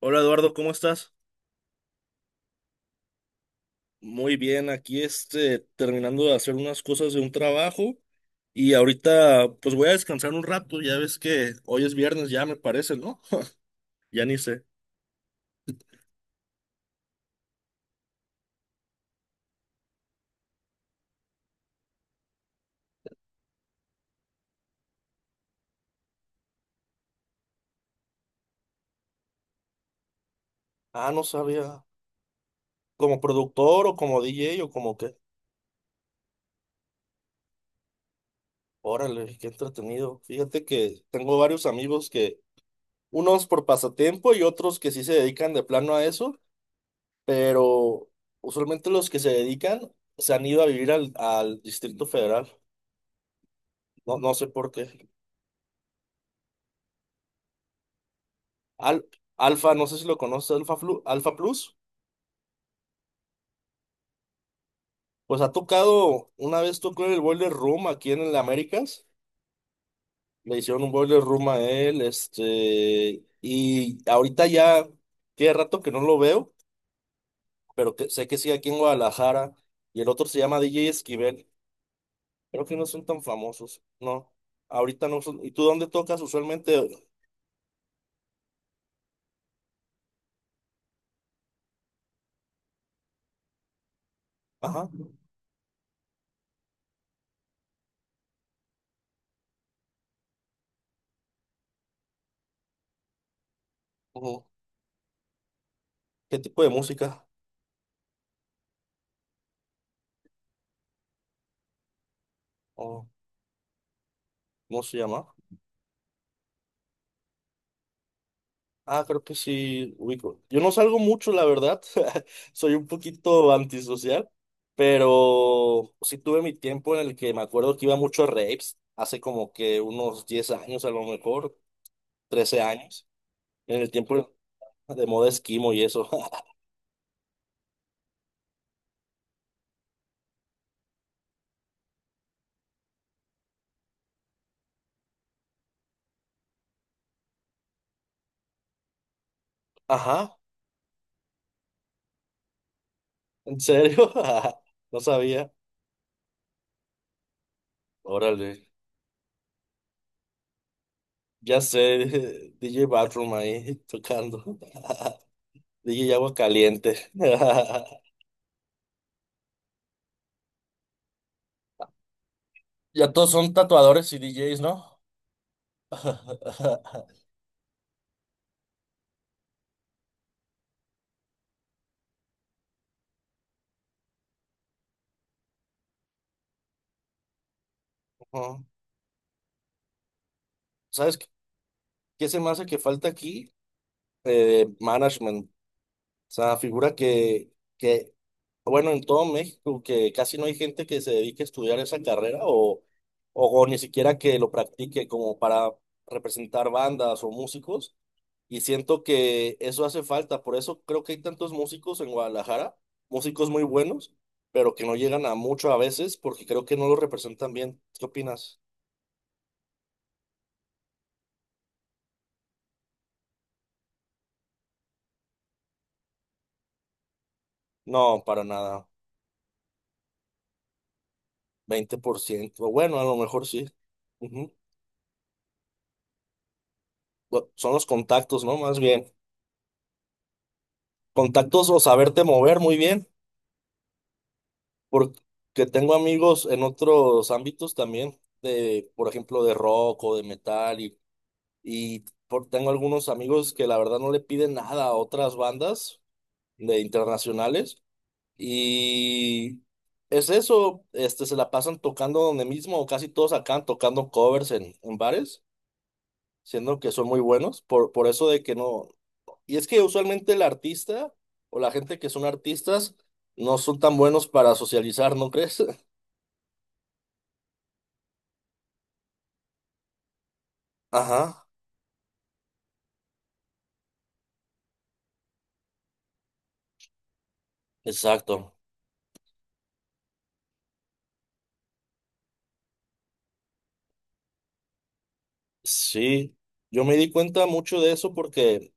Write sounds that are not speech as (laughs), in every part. Hola Eduardo, ¿cómo estás? Muy bien, aquí terminando de hacer unas cosas de un trabajo y ahorita pues voy a descansar un rato, ya ves que hoy es viernes ya me parece, ¿no? Ya ni sé. Ah, no sabía. ¿Como productor o como DJ o como qué? Órale, qué entretenido. Fíjate que tengo varios amigos que, unos por pasatiempo y otros que sí se dedican de plano a eso, pero usualmente los que se dedican se han ido a vivir al Distrito Federal. No, no sé por qué. Al- Alfa, no sé si lo conoces, Alfa, Alfa Plus. Pues ha tocado, una vez tocó en el Boiler Room aquí en el Américas. Le hicieron un Boiler Room a él. Y ahorita ya tiene rato que no lo veo, pero sé que sigue aquí en Guadalajara. Y el otro se llama DJ Esquivel. Creo que no son tan famosos, no. Ahorita no son. ¿Y tú dónde tocas usualmente? Ajá. Ujú. ¿Qué tipo de música? ¿O cómo se llama? Ah, creo que sí, ubico. Yo no salgo mucho, la verdad. (laughs) Soy un poquito antisocial, pero sí tuve mi tiempo en el que me acuerdo que iba mucho a raves, hace como que unos 10 años a lo mejor, 13 años, en el tiempo de moda esquimo y eso. (laughs) Ajá, ¿en serio? (laughs) No sabía. Órale, ya sé. (laughs) DJ Bathroom ahí (laughs) tocando. (laughs) DJ Agua Caliente. (laughs) Ya todos son tatuadores y DJs, ¿no? (laughs) Ajá. ¿Sabes qué se me hace que falta aquí? Management. O sea, figura que bueno, en todo México, que casi no hay gente que se dedique a estudiar esa carrera o ni siquiera que lo practique como para representar bandas o músicos. Y siento que eso hace falta. Por eso creo que hay tantos músicos en Guadalajara, músicos muy buenos, pero que no llegan a mucho a veces porque creo que no lo representan bien. ¿Qué opinas? No, para nada. 20%. Bueno, a lo mejor sí. Ujú. Son los contactos, ¿no? Más bien. Contactos o saberte mover muy bien, porque tengo amigos en otros ámbitos también, de, por ejemplo, de rock o de metal, y tengo algunos amigos que la verdad no le piden nada a otras bandas de internacionales, y es eso, se la pasan tocando donde mismo, o casi todos acaban tocando covers en bares, siendo que son muy buenos, por eso de que no. Y es que usualmente el artista o la gente que son artistas no son tan buenos para socializar, ¿no crees? (laughs) Ajá, exacto. Sí, yo me di cuenta mucho de eso porque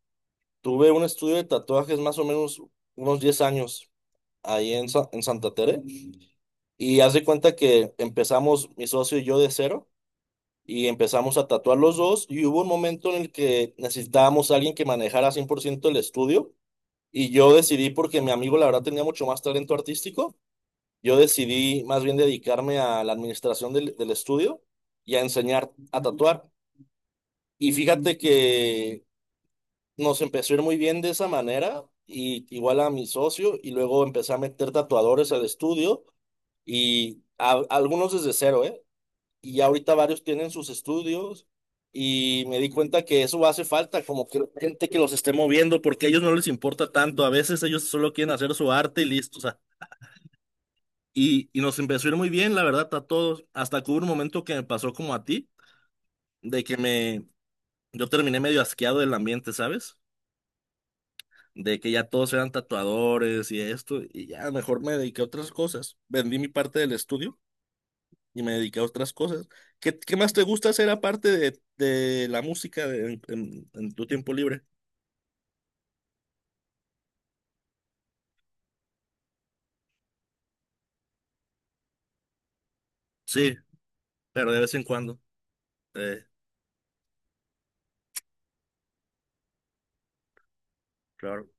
tuve un estudio de tatuajes más o menos unos 10 años ahí en Santa Tere y haz de cuenta que empezamos mi socio y yo de cero y empezamos a tatuar los dos y hubo un momento en el que necesitábamos a alguien que manejara 100% el estudio y yo decidí porque mi amigo la verdad tenía mucho más talento artístico. Yo decidí más bien dedicarme a la administración del estudio y a enseñar a tatuar. Y fíjate que nos empezó a ir muy bien de esa manera, y igual a mi socio, y luego empecé a meter tatuadores al estudio, y algunos desde cero, ¿eh? Y ya ahorita varios tienen sus estudios, y me di cuenta que eso hace falta, como que gente que los esté moviendo, porque a ellos no les importa tanto, a veces ellos solo quieren hacer su arte y listo. Y nos empezó a ir muy bien, la verdad, a todos. Hasta que hubo un momento que me pasó como a ti, de que yo terminé medio asqueado del ambiente, ¿sabes? De que ya todos eran tatuadores y esto, y ya mejor me dediqué a otras cosas. Vendí mi parte del estudio y me dediqué a otras cosas. ¿Qué más te gusta hacer aparte de la música en tu tiempo libre? Sí, pero de vez en cuando. eh, claro.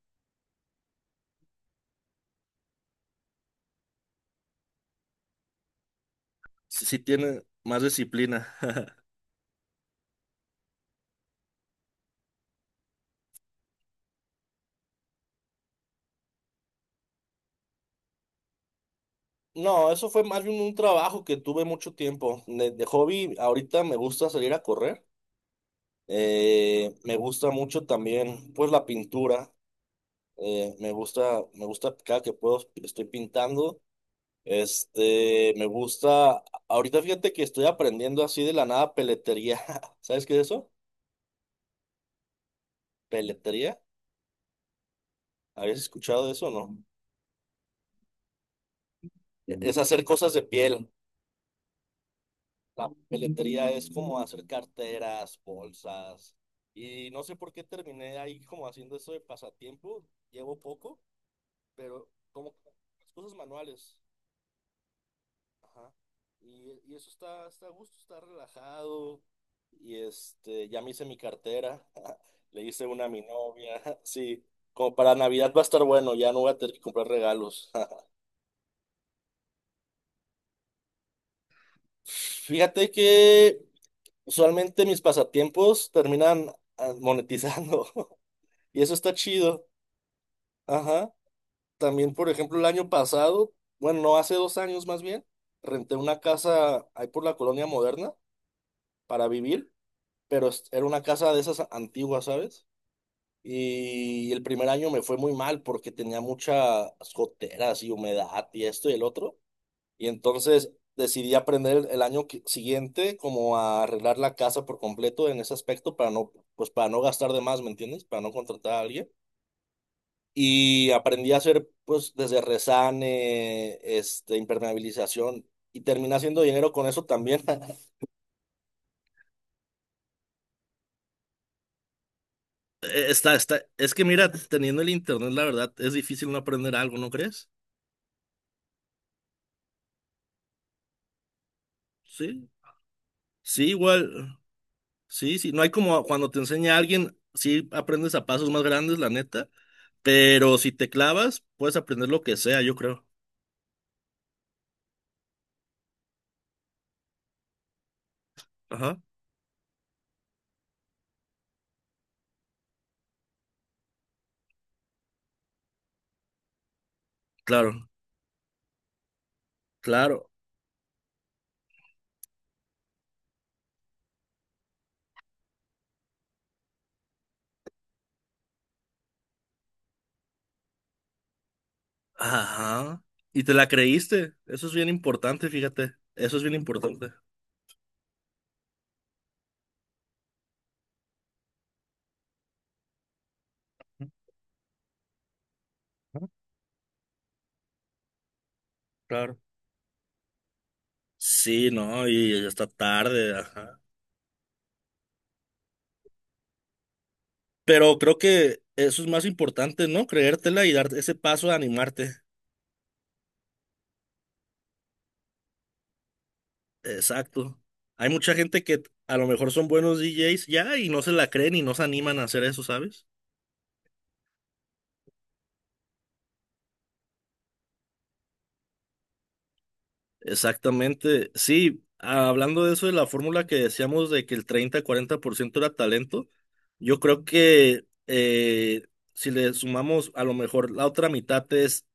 Sí, sí tiene más disciplina. (laughs) No, eso fue más bien un trabajo que tuve mucho tiempo. De hobby, ahorita me gusta salir a correr. Me gusta mucho también, pues, la pintura. Me gusta cada que puedo, estoy pintando. Me gusta. Ahorita fíjate que estoy aprendiendo así de la nada peletería. (laughs) ¿Sabes qué es eso? ¿Peletería? ¿Habías escuchado de eso o no? Es hacer cosas de piel. La peletería es como hacer carteras, bolsas. Y no sé por qué terminé ahí como haciendo eso de pasatiempo. Llevo poco, pero como que las cosas manuales. Ajá. Y eso está a gusto, está relajado. Y ya me hice mi cartera. (laughs) Le hice una a mi novia. (laughs) Sí, como para Navidad va a estar bueno, ya no voy a tener que comprar regalos. (laughs) Fíjate que usualmente mis pasatiempos terminan monetizando. (laughs) Y eso está chido. Ajá. También, por ejemplo, el año pasado, bueno, no, hace 2 años más bien, renté una casa ahí por la Colonia Moderna para vivir, pero era una casa de esas antiguas, ¿sabes? Y el primer año me fue muy mal porque tenía muchas goteras y humedad y esto y el otro. Y entonces decidí aprender el año siguiente como a arreglar la casa por completo en ese aspecto para no, pues para no gastar de más, ¿me entiendes? Para no contratar a alguien. Y aprendí a hacer, pues, desde resane, impermeabilización, y terminé haciendo dinero con eso también. (laughs) Está es que mira, teniendo el internet, la verdad, es difícil no aprender algo, ¿no crees? Sí, sí, igual, sí, sí, no hay como cuando te enseña alguien, sí aprendes a pasos más grandes, la neta, pero si te clavas, puedes aprender lo que sea, yo creo. Ajá, claro, claro, ajá. Y te la creíste, eso es bien importante, fíjate, eso es bien importante. Claro. Sí, no, y hasta tarde, ajá. Pero creo que eso es más importante, ¿no? Creértela y dar ese paso de animarte. Exacto. Hay mucha gente que a lo mejor son buenos DJs ya y no se la creen y no se animan a hacer eso, ¿sabes? Exactamente. Sí, hablando de eso de la fórmula que decíamos de que el 30-40% era talento, yo creo que si le sumamos a lo mejor la otra mitad es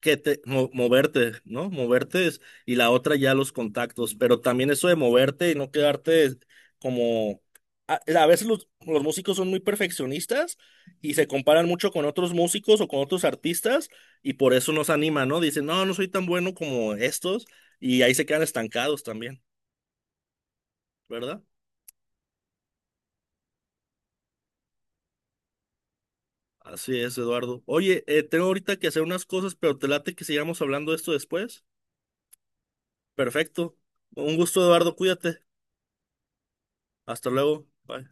que te moverte, ¿no? Moverte y la otra ya los contactos, pero también eso de moverte y no quedarte como a veces los músicos son muy perfeccionistas y se comparan mucho con otros músicos o con otros artistas y por eso nos animan, ¿no? Dicen, "No, no soy tan bueno como estos" y ahí se quedan estancados también, ¿verdad? Así es, Eduardo. Oye, tengo ahorita que hacer unas cosas, pero te late que sigamos hablando de esto después. Perfecto. Un gusto, Eduardo. Cuídate. Hasta luego. Bye.